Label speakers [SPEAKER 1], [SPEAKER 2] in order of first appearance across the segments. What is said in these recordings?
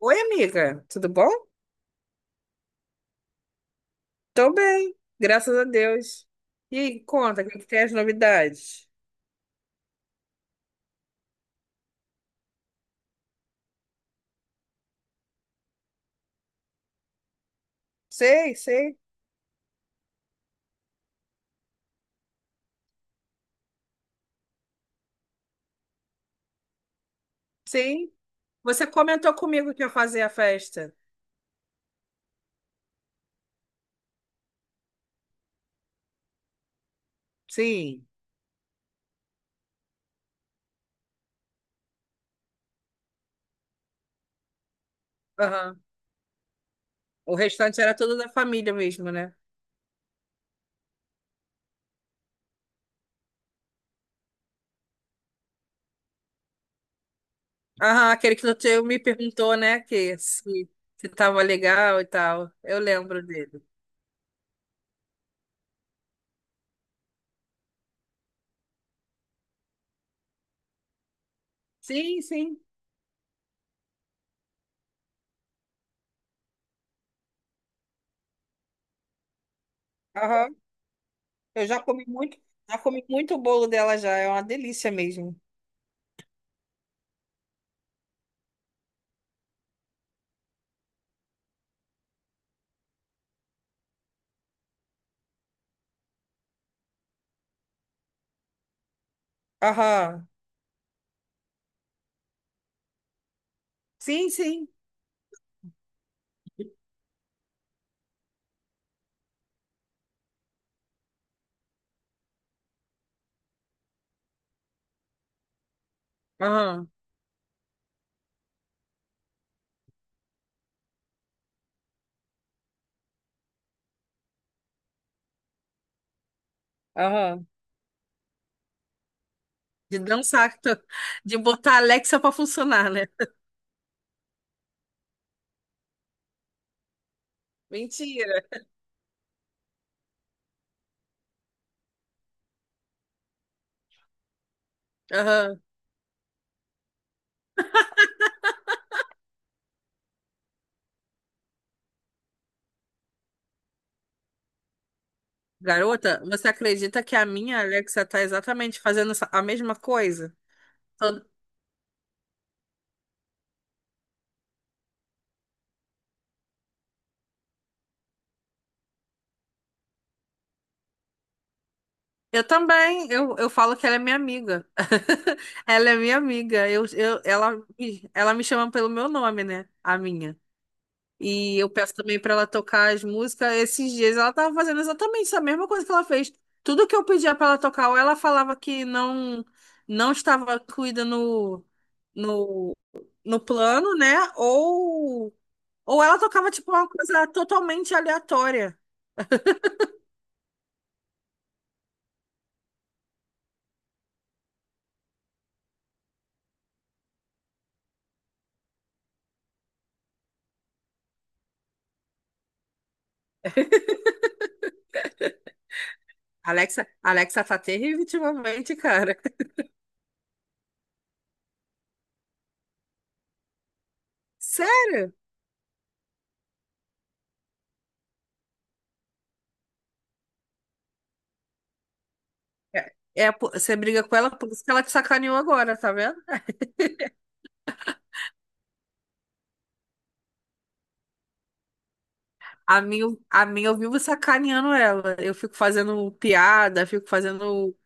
[SPEAKER 1] Oi, amiga, tudo bom? Tô bem, graças a Deus. E aí, conta, o que que tem as novidades? Sei, sei, sim. Você comentou comigo que ia fazer a festa. Sim. Aham. O restante era tudo da família mesmo, né? Aham, aquele que você me perguntou, né, que se tava legal e tal. Eu lembro dele. Sim, sim. Aham. Eu já comi muito bolo dela já, é uma delícia mesmo. Aham. Sim, sim. Aham. Aham. De dançar, de botar a Alexa pra funcionar, né? Mentira. Aham. Garota, você acredita que a minha Alexa tá exatamente fazendo a mesma coisa? Todo- Eu também, eu falo que ela é minha amiga. Ela é minha amiga. Ela me chama pelo meu nome, né? A minha. E eu peço também pra ela tocar as músicas. Esses dias ela tava fazendo exatamente essa mesma coisa que ela fez. Tudo que eu pedia pra ela tocar, ou ela falava que não estava incluída no, no plano, né? Ou ela tocava tipo uma coisa totalmente aleatória. Alexa, Alexa tá terrível ultimamente, cara. Sério? É, é, você briga com ela, por isso que ela te sacaneou agora, tá vendo? A mim, a mim eu vivo sacaneando ela. Eu fico fazendo piada, fico fazendo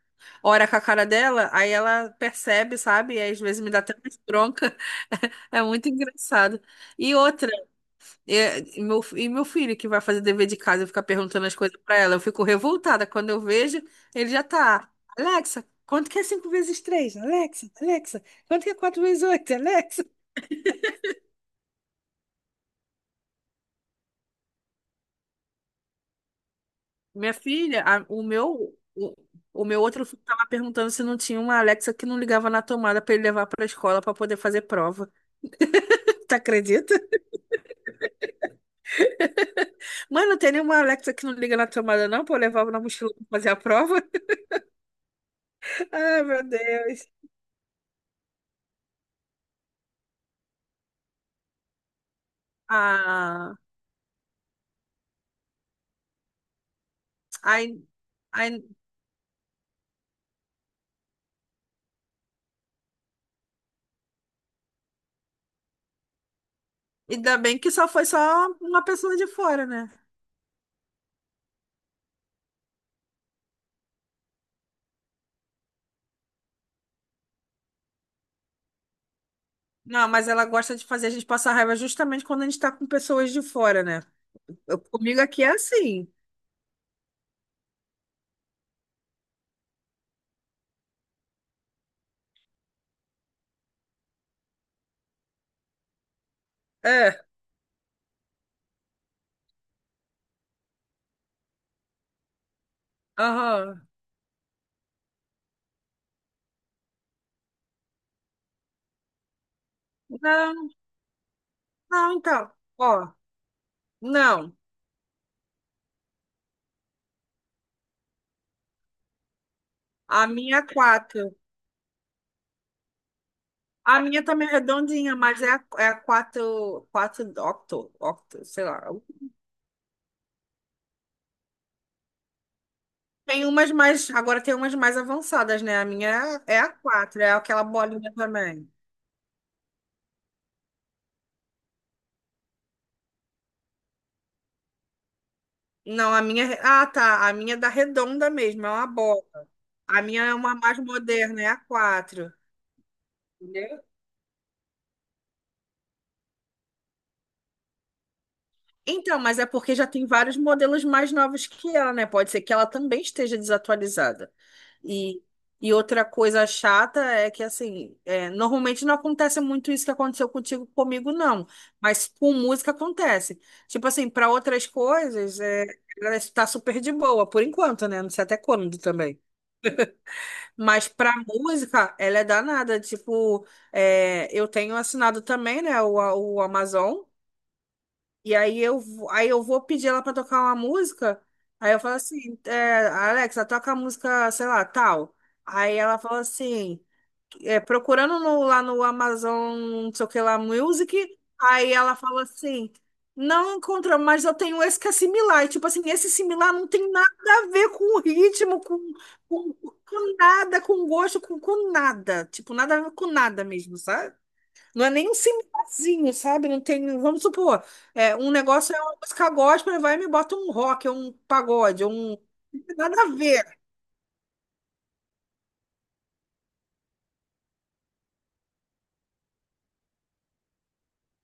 [SPEAKER 1] hora com a cara dela, aí ela percebe, sabe? E às vezes me dá até mais bronca. É muito engraçado. E outra, e meu filho que vai fazer dever de casa e fica perguntando as coisas pra ela, eu fico revoltada. Quando eu vejo, ele já tá. Alexa, quanto que é cinco vezes três? Alexa, Alexa, quanto que é quatro vezes oito? Alexa. Minha filha, a- o meu outro filho tava perguntando se não tinha uma Alexa que não ligava na tomada para ele levar para a escola para poder fazer prova. Tu acredita? Mãe, não tem nenhuma Alexa que não liga na tomada não, para eu levar na mochila para fazer a prova? Ai, meu Deus. Ah, ai, ai, ainda bem que só foi só uma pessoa de fora, né? Não, mas ela gosta de fazer a gente passar raiva justamente quando a gente tá com pessoas de fora, né? Comigo aqui é assim. É. Aham. Não. Não, então, ó, não. A minha é quatro. A minha também é redondinha, mas é a quatro, quatro octo, octo, sei lá. Agora tem umas mais avançadas, né? A minha é a quatro, é aquela bolinha também. Não, a minha, ah, tá, a minha é da redonda mesmo, é uma bola. A minha é uma mais moderna, é a quatro. Então, mas é porque já tem vários modelos mais novos que ela, né? Pode ser que ela também esteja desatualizada. E, e outra coisa chata é que, assim, é, normalmente não acontece muito isso que aconteceu contigo comigo, não. Mas com música acontece. Tipo assim, para outras coisas, é, ela está super de boa, por enquanto, né? Não sei até quando também. Mas pra música, ela é danada. Tipo, é, eu tenho assinado também, né, o Amazon. E aí eu, aí eu vou pedir ela pra tocar uma música. Aí eu falo assim, é, Alexa, toca a música, sei lá, tal. Aí ela fala assim, é, procurando no- lá no Amazon, não sei o que lá, Music. Aí ela fala assim, não encontra, mas eu tenho esse que é similar. E, tipo assim, esse similar não tem nada a ver com, com nada, com nada. Tipo, nada a ver com nada mesmo, sabe? Não é nem um cemitério, sabe? Não tem, vamos supor, é, um negócio é uma música gospel, ele vai e me bota um rock, um pagode, um. Nada a ver.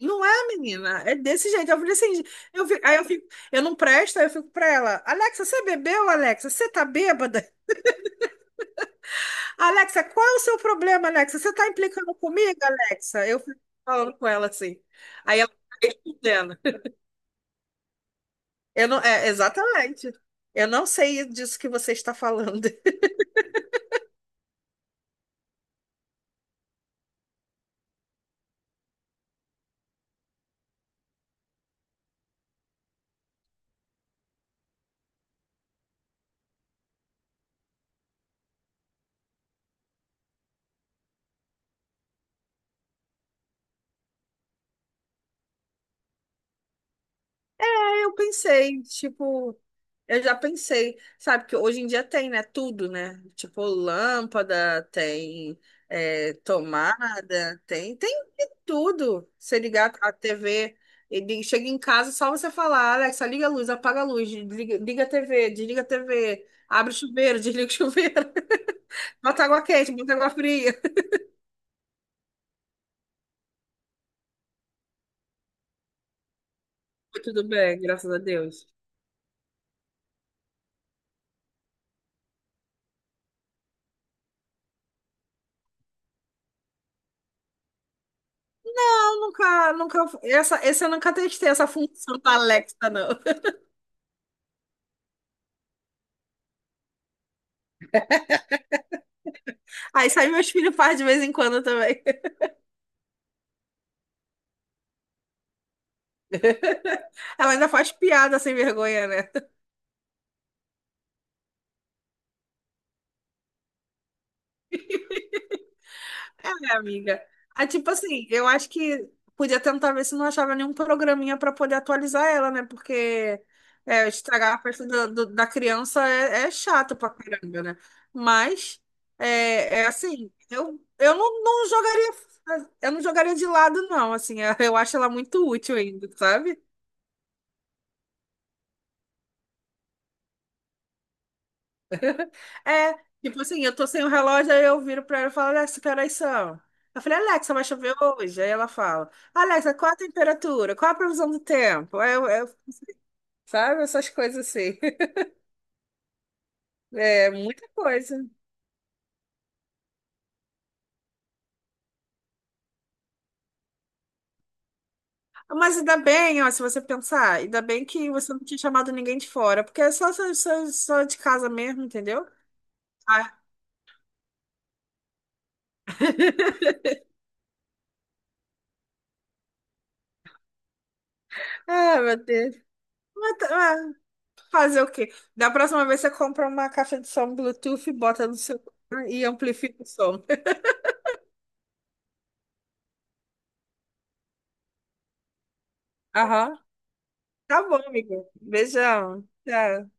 [SPEAKER 1] Não é, menina? É desse jeito. Eu fico, eu não presto, aí eu fico pra ela, Alexa, você bebeu, Alexa? Você tá bêbada? Alexa, qual é o seu problema, Alexa? Você tá implicando comigo, Alexa? Eu fico falando com ela assim. Aí ela fica respondendo. Eu não, é, exatamente. Eu não sei disso que você está falando. Eu pensei, tipo. Eu já pensei, sabe, que hoje em dia tem, né? Tudo, né? Tipo, lâmpada, tem é, tem de tudo. Você ligar a TV, ele chega em casa, só você falar, Alexa, liga a luz, apaga a luz, liga a TV, desliga a TV, abre o chuveiro, desliga o chuveiro, bota água quente, bota água fria. Tudo bem, graças a Deus. Eu nunca, nunca, essa eu nunca testei essa função da Alexa, não. Aí sai meus filhos faz de vez em quando também. Ela ainda faz piada sem vergonha, né? É, amiga. Ah, tipo assim, eu acho que podia tentar ver se não achava nenhum programinha pra poder atualizar ela, né? Porque é, estragar a festa da criança é, é chato pra caramba, né? Mas é, é assim, eu não, não jogaria, eu não jogaria de lado, não. Assim, eu acho ela muito útil ainda, sabe? É, tipo assim, eu tô sem o relógio, aí eu viro pra ela e falo, Alexa, que horas são? Eu falei, Alexa, vai chover hoje? Aí ela fala, Alexa, qual a temperatura? Qual a previsão do tempo? Sabe, essas coisas assim. É, muita coisa. Mas ainda bem, ó, se você pensar, ainda bem que você não tinha chamado ninguém de fora, porque é só só de casa mesmo, entendeu? Ah, ah, meu Deus. Mas tá- ah, fazer o quê? Da próxima vez você compra uma caixa de som Bluetooth, bota no seu e amplifica o som. Aham. Tá bom, amigo. Beijão. Tchau.